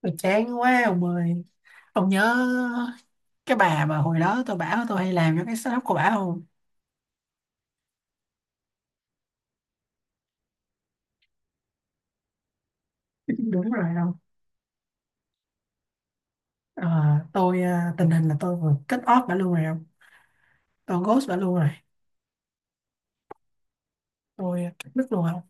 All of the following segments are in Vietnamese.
Tôi chán quá ông ơi. Ông nhớ cái bà mà hồi đó tôi bảo tôi hay làm cho cái setup của bà không? Đúng rồi không. Ờ, Tôi tình hình là tôi vừa kết off bà luôn rồi không. Tôi ghost bà luôn rồi. Tôi cắt đứt luôn không.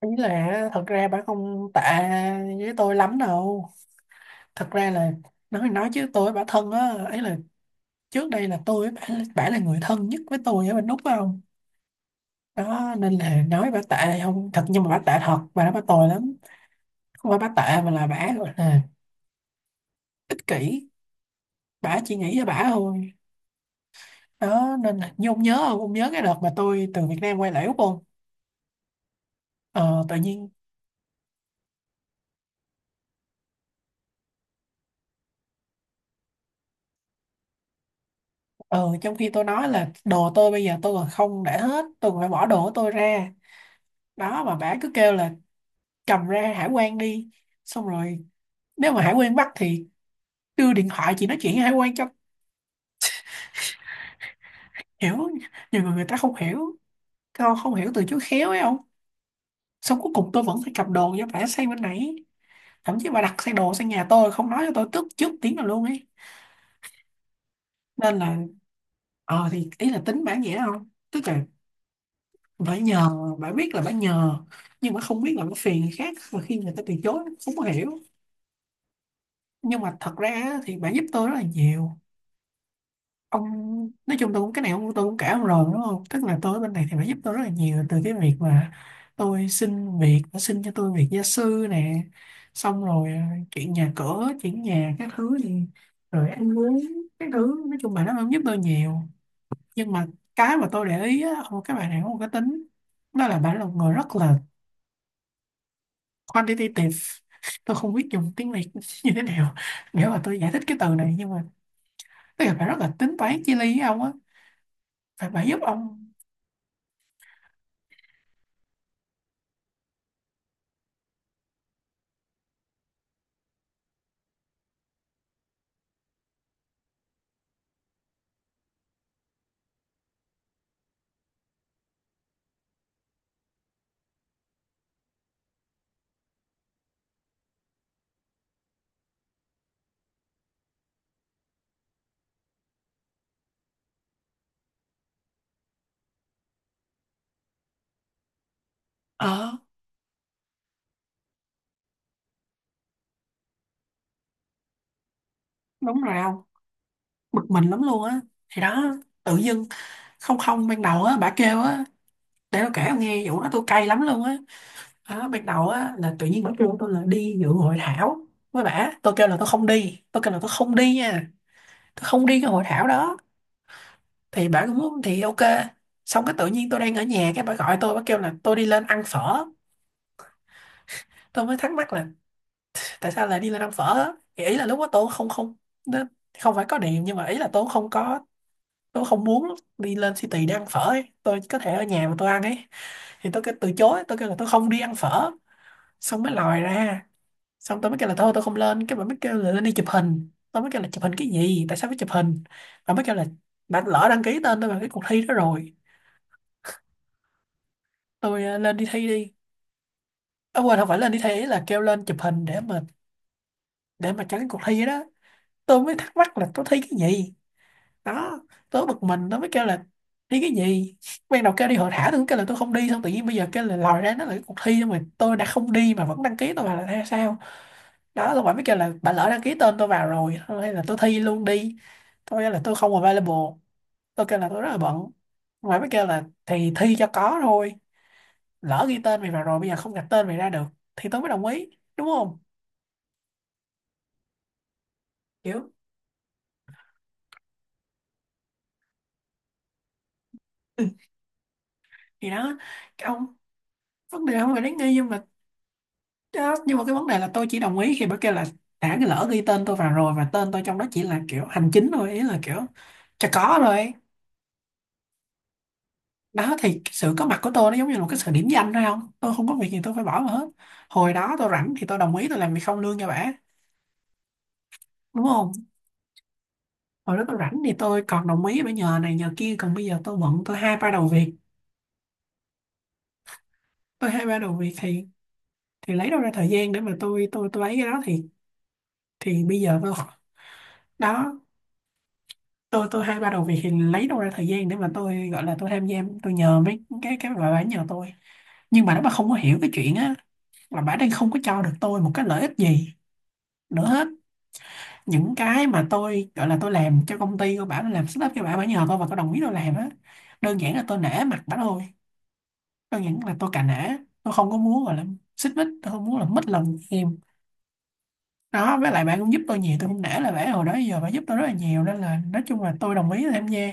Ý là thật ra bà không tệ với tôi lắm đâu. Thật ra là nói thì nói chứ tôi với bà thân á. Ấy là trước đây là tôi với bà là người thân nhất với tôi ở bên Úc phải không, đó nên là nói bà tệ không thật, nhưng mà bà tệ thật, bà nói bà tồi lắm. Không phải bà tệ mà là bà gọi là ích kỷ, bả chỉ nghĩ cho bả thôi. Đó nên là như ông nhớ không, ông nhớ cái đợt mà tôi từ Việt Nam quay lại Úc không? Ờ, Tự nhiên ờ, trong khi tôi nói là đồ tôi bây giờ tôi còn không để hết, tôi còn phải bỏ đồ của tôi ra, đó mà bả cứ kêu là cầm ra hải quan đi, xong rồi nếu mà hải quan bắt thì đưa điện thoại chị nói chuyện với hải quan cho hiểu. Nhiều người người ta không hiểu, không hiểu từ chối khéo ấy không. Xong cuối cùng tôi vẫn phải cầm đồ cho bả sang bên này. Thậm chí bà đặt xe đồ sang nhà tôi không nói cho tôi trước trước tiếng là luôn ấy. Nên là ờ thì ý là tính bản vậy không, tức là bả nhờ, bả biết là bả nhờ, nhưng mà không biết là bả phiền người khác và khi người ta từ chối không có hiểu. Nhưng mà thật ra á, thì bả giúp tôi rất là nhiều ông. Nói chung tôi cũng cái này ông, tôi cũng cả ông rồi đúng không, tức là tôi ở bên này thì bả giúp tôi rất là nhiều, từ cái việc mà tôi xin việc, bả xin cho tôi việc gia sư nè, xong rồi chuyện nhà cửa chuyện nhà các thứ thì, rồi ăn uống các thứ, nói chung bà nó giúp tôi nhiều. Nhưng mà cái mà tôi để ý á không, các bạn này có một cái tính, đó là bạn là một người rất là quantitative. Tôi không biết dùng tiếng Việt như thế nào, nghĩa là tôi giải thích cái từ này, nhưng mà tức là bạn rất là tính toán chi lý với ông á, phải bạn giúp ông. Ờ đúng rồi ông, bực mình lắm luôn á. Thì đó, tự dưng không không ban đầu á bà kêu á, để tôi kể ông nghe vụ đó, tôi cay lắm luôn á. Đó, ban đầu á là tự nhiên bà kêu tôi là đi dự hội thảo với bả, tôi kêu là tôi không đi, tôi kêu là tôi không đi nha, tôi không đi cái hội thảo đó. Thì bà cũng muốn thì ok. Xong cái tự nhiên tôi đang ở nhà, cái bà gọi tôi bà kêu là tôi đi lên ăn phở. Tôi mới thắc mắc là tại sao lại đi lên ăn phở á? Thì ý là lúc đó tôi không không, nó không phải có điểm, nhưng mà ý là tôi không có, tôi không muốn đi lên city để ăn phở ấy. Tôi có thể ở nhà mà tôi ăn ấy. Thì tôi kêu từ chối, tôi kêu là tôi không đi ăn phở. Xong mới lòi ra, xong tôi mới kêu là thôi tôi không lên, cái bà mới kêu là lên đi chụp hình, tôi mới kêu là chụp hình cái gì, tại sao phải chụp hình. Bà mới kêu là bà lỡ đăng ký tên tôi vào cái cuộc thi đó rồi, tôi lên đi thi đi. À, quên không phải lên đi thi, ý là kêu lên chụp hình để mà, để mà tránh cuộc thi đó. Tôi mới thắc mắc là tôi thi cái gì. Đó, tôi bực mình tôi mới kêu là thi cái gì. Ban đầu kêu đi hội thảo tôi cũng kêu là tôi không đi, xong tự nhiên bây giờ kêu là lòi ra nó là cái cuộc thi mà tôi đã không đi mà vẫn đăng ký tôi vào là hay sao. Đó tôi bảo mới kêu là bà lỡ đăng ký tên tôi vào rồi thôi hay là tôi thi luôn đi. Tôi kêu là tôi không available, tôi kêu là tôi rất là bận. Ngoài mới kêu là thì thi cho có thôi, lỡ ghi tên mày vào rồi bây giờ không gạch tên mày ra được. Thì tôi mới đồng ý đúng không. Kiểu, thì đó, cái ông vấn đề không phải đến nghi nhưng mà, đó, nhưng mà cái vấn đề là tôi chỉ đồng ý khi bà kêu là đã cái lỡ ghi tên tôi vào rồi và tên tôi trong đó chỉ là kiểu hành chính thôi, ý là kiểu chả có rồi. Đó thì sự có mặt của tôi nó giống như là một cái sự điểm danh thôi không, tôi không có việc gì tôi phải bỏ vào hết. Hồi đó tôi rảnh thì tôi đồng ý tôi làm việc không lương cho bả đúng không. Hồi đó tôi rảnh thì tôi còn đồng ý bả nhờ này nhờ kia, còn bây giờ tôi bận, tôi hai ba đầu việc. tôi hai ba đầu việc thì thì lấy đâu ra thời gian để mà tôi ấy cái đó thì bây giờ tôi đó, tôi hay bắt đầu việc thì lấy đâu ra thời gian để mà tôi gọi là tôi tham gia, tôi nhờ mấy cái bà bả nhờ tôi. Nhưng mà nó bà không có hiểu cái chuyện á là bà đang không có cho được tôi một cái lợi ích gì nữa hết. Những cái mà tôi gọi là tôi làm cho công ty của bà, tôi làm setup cho bà, bả nhờ tôi và tôi đồng ý tôi làm á, đơn giản là tôi nể mặt bả thôi. Đơn giản là tôi cà nể, tôi không có muốn gọi là xích mích, tôi không muốn là mất lòng em. Đó với lại bạn cũng giúp tôi nhiều, tôi cũng nể là bạn hồi đó giờ bạn giúp tôi rất là nhiều, nên là nói chung là tôi đồng ý là tham gia.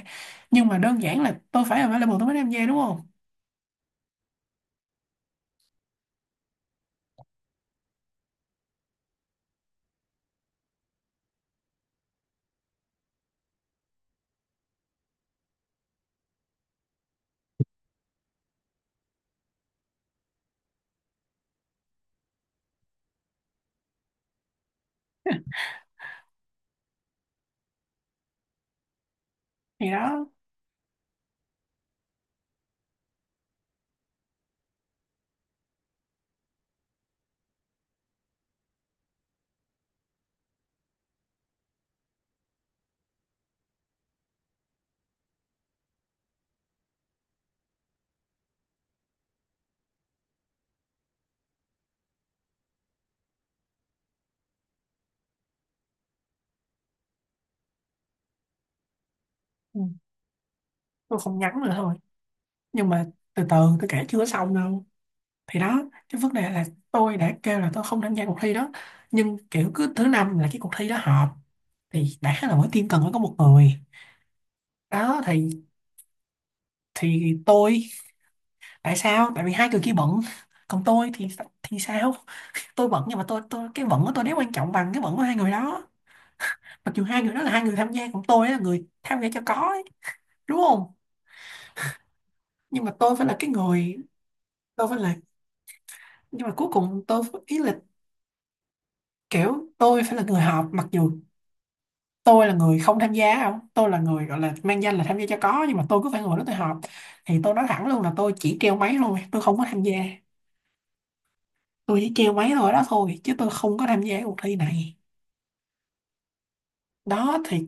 Nhưng mà đơn giản là tôi phải available tôi mới tham gia đúng không. Thì đó, ừ, tôi không nhắn nữa thôi. Nhưng mà từ từ, tôi kể chưa xong đâu. Thì đó, cái vấn đề là tôi đã kêu là tôi không tham gia cuộc thi đó, nhưng kiểu cứ thứ năm là cái cuộc thi đó họp, thì đã là mỗi team cần phải có một người. Đó thì tôi, tại sao, tại vì hai người kia bận, còn tôi thì sao, tôi bận, nhưng mà tôi cái bận của tôi nếu quan trọng bằng cái bận của hai người đó, mặc dù hai người đó là hai người tham gia còn tôi là người tham gia cho có ấy, đúng không. Nhưng mà tôi phải là cái người, tôi phải là, nhưng mà cuối cùng tôi ý là kiểu tôi phải là người họp, mặc dù tôi là người không tham gia không, tôi là người gọi là mang danh là tham gia cho có, nhưng mà tôi cứ phải ngồi đó tôi họp. Thì tôi nói thẳng luôn là tôi chỉ treo máy thôi, tôi không có tham gia. Tôi chỉ treo máy thôi đó thôi, chứ tôi không có tham gia cuộc thi này. Đó thì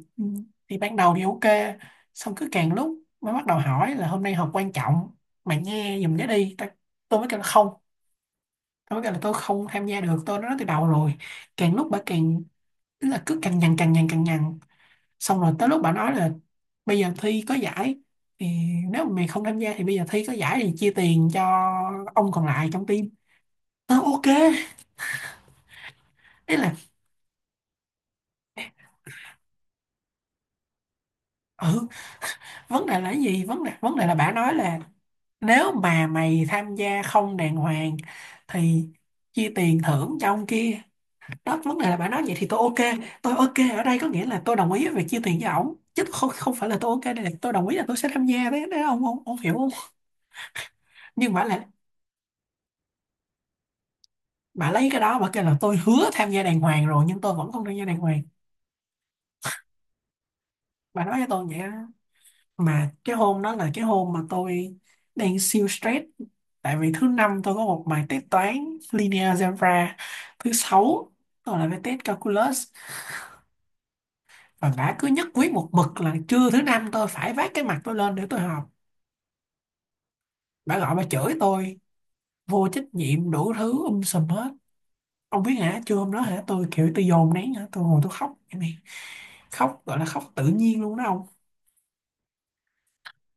thì ban đầu thì ok. Xong cứ càng lúc mới bắt đầu hỏi là hôm nay họp quan trọng, mày nghe giùm để đi tôi mới kêu là không, tôi mới kêu là tôi không tham gia được, tôi đã nói từ đầu rồi. Càng lúc bà càng, tức là cứ càng nhằn càng nhằn càng nhằn. Xong rồi tới lúc bà nói là bây giờ thi có giải, thì nếu mà mày không tham gia thì bây giờ thi có giải thì chia tiền cho ông còn lại trong team, tôi ok. Đấy là, ừ, vấn đề là cái gì, vấn đề, vấn đề là bà nói là nếu mà mày tham gia không đàng hoàng thì chia tiền thưởng cho ông kia. Đó vấn đề là bà nói vậy thì tôi ok. Tôi ok ở đây có nghĩa là tôi đồng ý về chia tiền cho ổng chứ không, không phải là tôi ok đây là tôi đồng ý là tôi sẽ tham gia, đấy đấy ông ông hiểu không. Nhưng bà là, bà lấy cái đó bà kêu là tôi hứa tham gia đàng hoàng rồi, nhưng tôi vẫn không tham gia đàng hoàng. Bà nói với tôi vậy đó. Mà cái hôm đó là cái hôm mà tôi đang siêu stress, tại vì thứ năm tôi có một bài test toán linear algebra, thứ sáu tôi là bài test calculus, và bả cứ nhất quyết một mực là trưa thứ năm tôi phải vác cái mặt tôi lên để tôi học. Bà gọi bà chửi tôi vô trách nhiệm đủ thứ sùm hết. Ông biết hả, trưa hôm đó hả, tôi kiểu tôi dồn nén hả, tôi ngồi tôi khóc vậy này, khóc gọi là khóc tự nhiên luôn đó ông,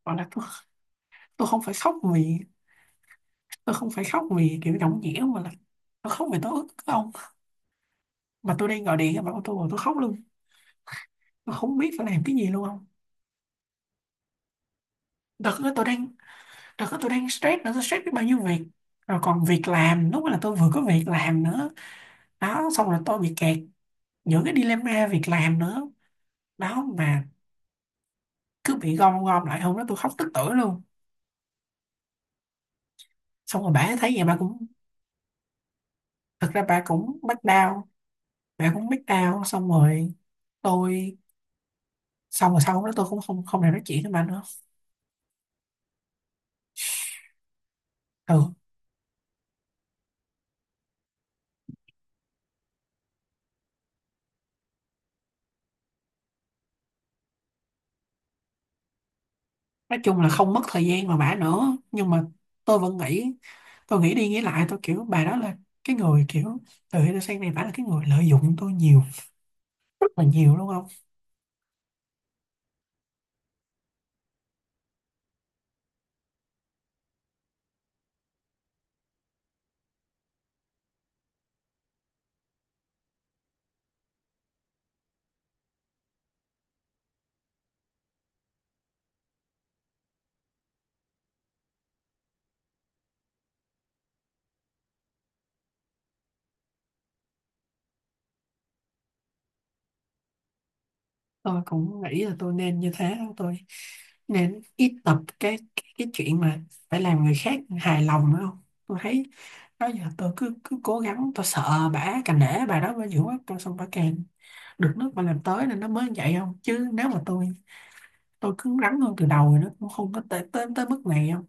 gọi là tôi không phải khóc vì, tôi không phải khóc vì kiểu nhõng nhẽo, mà là tôi khóc vì tôi ức ông, mà tôi đang ngồi điện mà tôi ngồi tôi khóc luôn. Tôi không biết phải làm cái gì luôn không. Đợt đó tôi đang, đợt đó tôi đang stress nữa, tôi stress biết bao nhiêu việc, rồi còn việc làm lúc đó là tôi vừa có việc làm nữa. Đó xong rồi tôi bị kẹt giữa cái dilemma việc làm nữa. Đó mà cứ bị gom gom lại, hôm đó tôi khóc tức tưởi luôn. Xong rồi bà ấy thấy vậy bà cũng, thực ra bà cũng back down. Bà cũng back down, xong rồi tôi, xong rồi sau hôm đó tôi cũng không không thể nói chuyện với bà nữa. Ừ, nói chung là không mất thời gian mà bà nữa, nhưng mà tôi vẫn nghĩ, tôi nghĩ đi nghĩ lại tôi kiểu bà đó là cái người kiểu từ khi tôi sang này bà là cái người lợi dụng tôi nhiều, rất là nhiều đúng không. Tôi cũng nghĩ là tôi nên như thế, tôi nên ít tập cái cái chuyện mà phải làm người khác hài lòng nữa không, tôi thấy đó giờ tôi cứ cứ cố gắng tôi sợ bả, càng nể bà đó bà dữ quá, tôi xong bà càng được nước mà làm tới, nên nó mới vậy không, chứ nếu mà tôi cứng rắn hơn từ đầu thì nó cũng không có tới tới tới mức này không.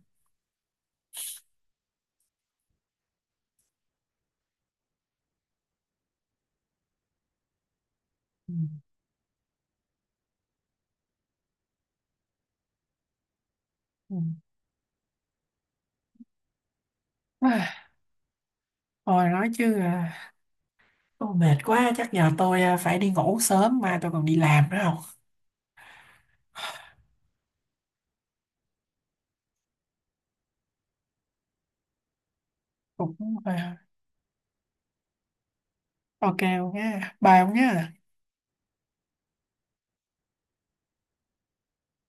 Ừ. Ừ. À, thôi nói chứ ô, mệt quá chắc giờ tôi phải đi ngủ, sớm mai tôi còn đi làm nữa không. Cũng ok ông nhé, bye ông nhé.